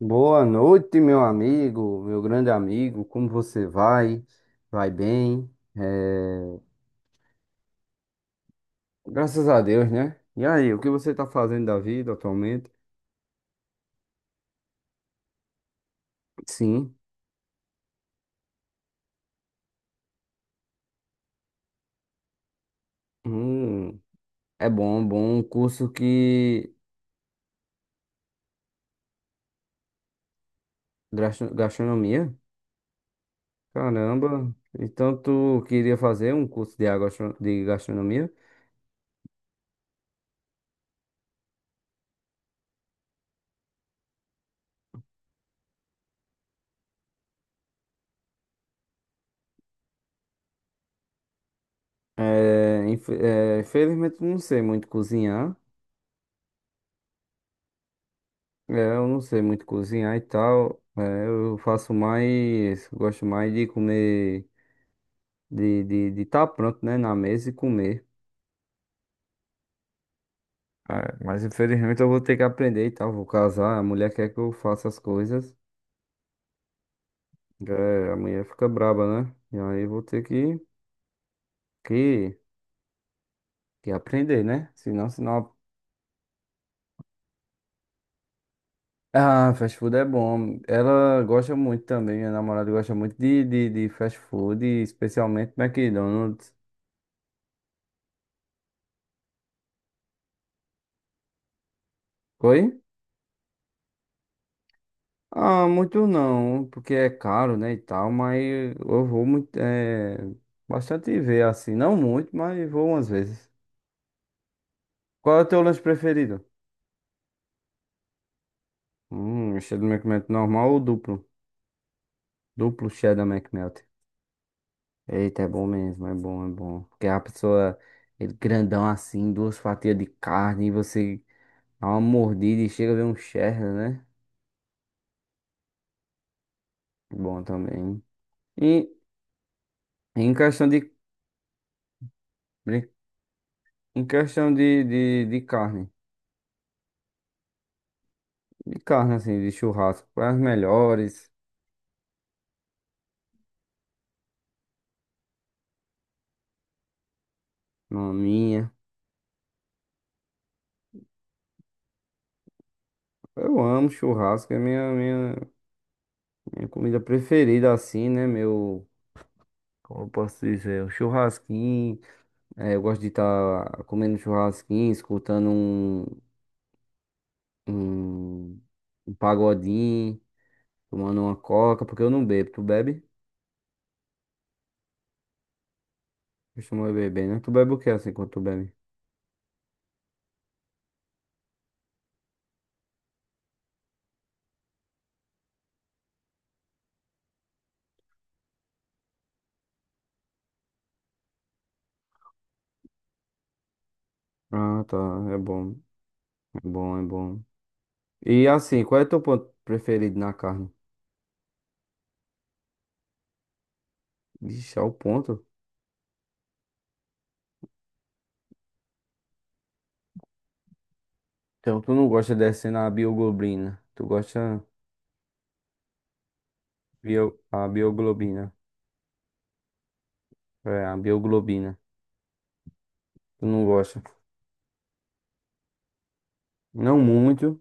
Boa noite, meu amigo, meu grande amigo. Como você vai? Vai bem? É, graças a Deus, né? E aí, o que você tá fazendo da vida atualmente? Sim. Hum, é bom, bom. Um curso que. Gastronomia? Caramba. Então, tu queria fazer um curso de de gastronomia? É, infelizmente, não sei muito cozinhar. É, eu não sei muito cozinhar e tal. É, eu faço mais, gosto mais de comer, de estar pronto, né, na mesa e comer. É, mas infelizmente eu vou ter que aprender e tal. Vou casar, a mulher quer que eu faça as coisas. É, a mulher fica braba, né? E aí eu vou ter que que aprender, né? Senão, senão. Ah, fast food é bom. Ela gosta muito também, minha namorada gosta muito de fast food, especialmente McDonald's. Oi? Ah, muito não, porque é caro, né, e tal, mas eu vou muito, é, bastante ver, assim, não muito, mas vou umas vezes. Qual é o teu lanche preferido? Cheddar McMelt normal ou duplo? Duplo cheddar McMelt. Eita, é bom mesmo, é bom, é bom. Porque a pessoa, ele grandão assim, duas fatias de carne, e você dá uma mordida e chega a ver um cheddar, né? Bom também. E em questão de, em questão de, de carne. De carne, assim, de churrasco. As melhores, na minha. Eu amo churrasco, é minha comida preferida, assim, né? Meu. Como eu posso dizer? O churrasquinho. É, eu gosto de estar comendo churrasquinho, escutando um, um pagodinho, tomando uma coca, porque eu não bebo. Tu bebe? Costuma beber, né? Tu bebe o que assim quando tu bebe? Ah, tá. É bom. É bom, é bom. E assim, qual é teu ponto preferido na carne? Vixe, é o ponto. Então tu não gosta descendo a bioglobina. Tu gosta bio, a bioglobina. É, a bioglobina. Tu não gosta. Não muito,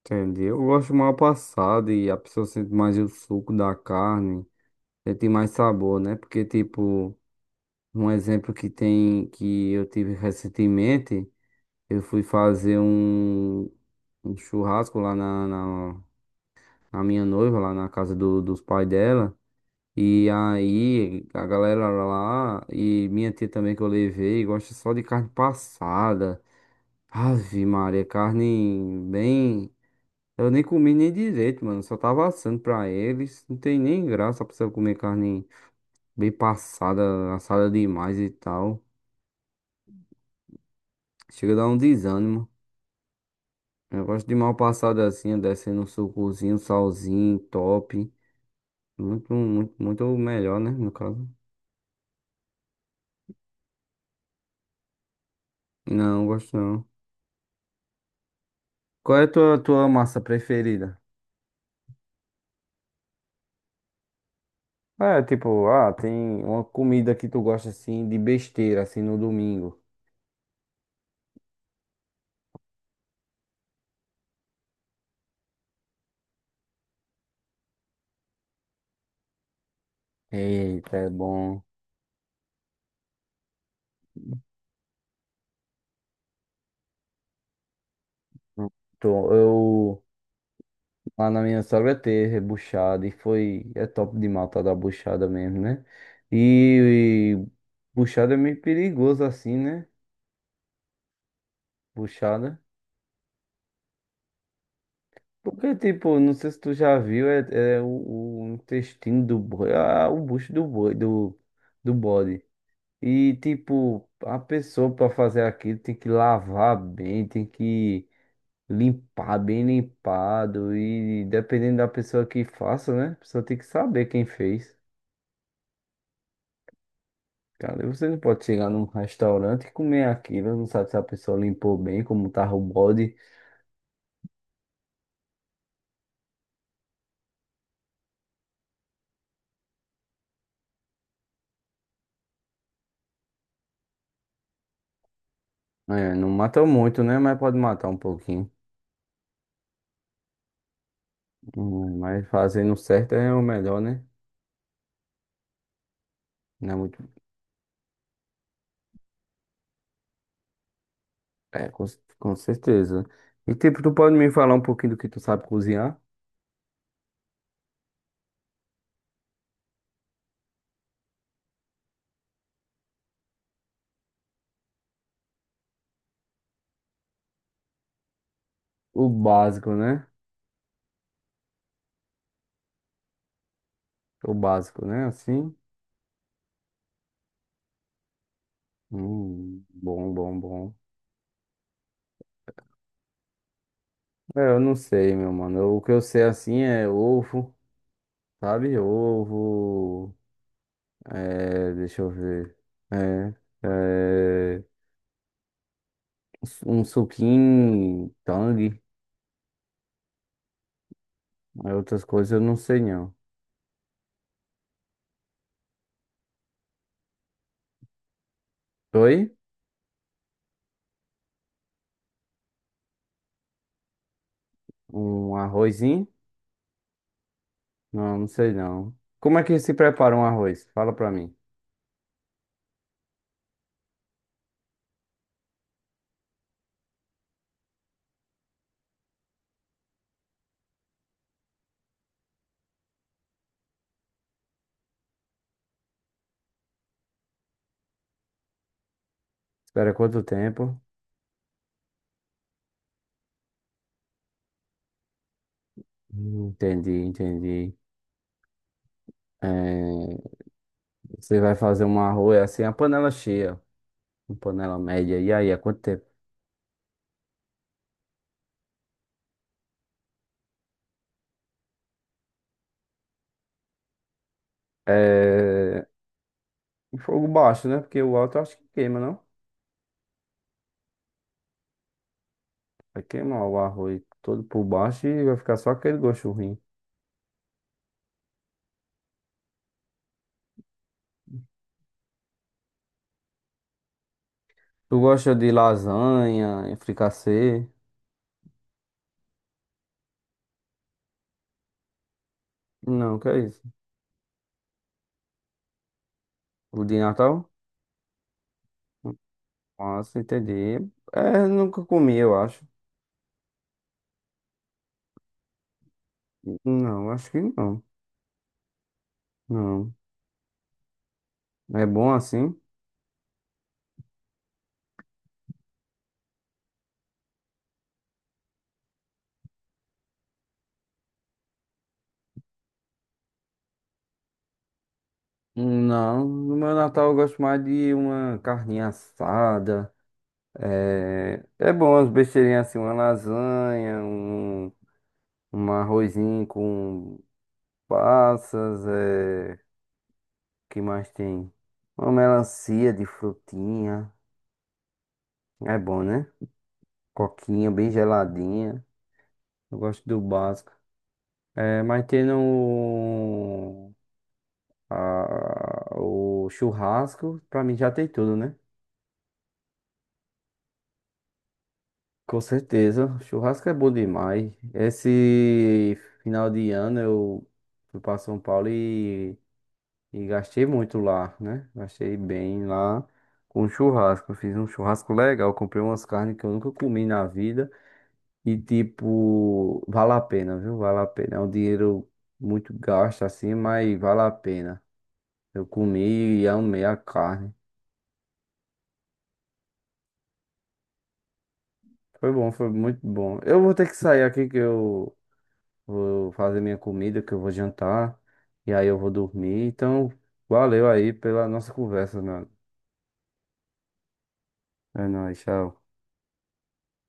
entendeu? Eu gosto mal passado e a pessoa sente mais o suco da carne, sente mais sabor, né? Porque, tipo, um exemplo que tem, que eu tive recentemente, eu fui fazer um, um churrasco lá na minha noiva, lá na casa dos pais dela. E aí, a galera lá, e minha tia também que eu levei, gosta só de carne passada. Ave Maria, carne bem. Eu nem comi nem direito, mano. Só tava assando pra eles. Não tem nem graça pra você comer carne bem passada, assada demais e tal. Chega a dar um desânimo. Eu gosto de mal passada assim, descendo um sucozinho, um salzinho, top. Muito, muito, muito melhor, né? No caso. Não, gosto não. Qual é a tua, tua massa preferida? É, tipo, ah, tem uma comida que tu gosta assim de besteira, assim no domingo. Eita, é bom. Então, eu lá na minha sogra teve rebuchada e foi. É top de matar da buchada mesmo, né? E buchada é meio perigoso assim, né? Buchada. Porque, tipo, não sei se tu já viu, é, é o intestino do boi, ah, o bucho do boi, do, do bode. E, tipo, a pessoa para fazer aquilo tem que lavar bem, tem que limpar bem limpado. E dependendo da pessoa que faça, né? A pessoa tem que saber quem fez. Cara, você não pode chegar num restaurante e comer aquilo, não sabe se a pessoa limpou bem, como tava o bode. É, não mata muito, né? Mas pode matar um pouquinho. Mas fazendo certo é o melhor, né? Não é muito... É, com certeza. E, tipo, tu pode me falar um pouquinho do que tu sabe cozinhar? O básico, né? O básico, né? Assim. Bom, bom, bom. É, eu não sei, meu mano. O que eu sei assim é ovo, sabe? Ovo. É, deixa eu ver. É, é, um suquinho, tangue. Aí outras coisas eu não sei não. Oi? Um arrozinho? Não, não sei não. Como é que se prepara um arroz? Fala pra mim. Espera quanto tempo? Entendi, entendi. É, você vai fazer um arroz é assim, a panela cheia. Um panela média. E aí, há quanto tempo? É... em fogo baixo, né? Porque o alto eu acho que queima, não? Vai queimar o arroz todo por baixo e vai ficar só aquele gosto ruim. Tu gosta de lasanha, e fricassê? Não, que é isso? O de Natal? Nossa, entendi. É, nunca comi, eu acho. Não, acho que não. Não. É bom assim? Não, no meu Natal eu gosto mais de uma carninha assada. É, é bom as besteirinhas assim, uma lasanha, um arrozinho com passas, é, que mais tem? Uma melancia de frutinha, é bom, né? Coquinha bem geladinha, eu gosto do básico. É, mas tendo o, o churrasco, pra mim já tem tudo, né? Com certeza, churrasco é bom demais. Esse final de ano eu fui pra São Paulo e gastei muito lá, né? Gastei bem lá com churrasco. Eu Fiz um churrasco legal, comprei umas carnes que eu nunca comi na vida. E, tipo, vale a pena, viu? Vale a pena. É um dinheiro muito gasto assim, mas vale a pena. Eu comi e amei a carne. Foi bom, foi muito bom. Eu vou ter que sair aqui que eu vou fazer minha comida, que eu vou jantar. E aí eu vou dormir. Então, valeu aí pela nossa conversa, mano. É nóis, tchau.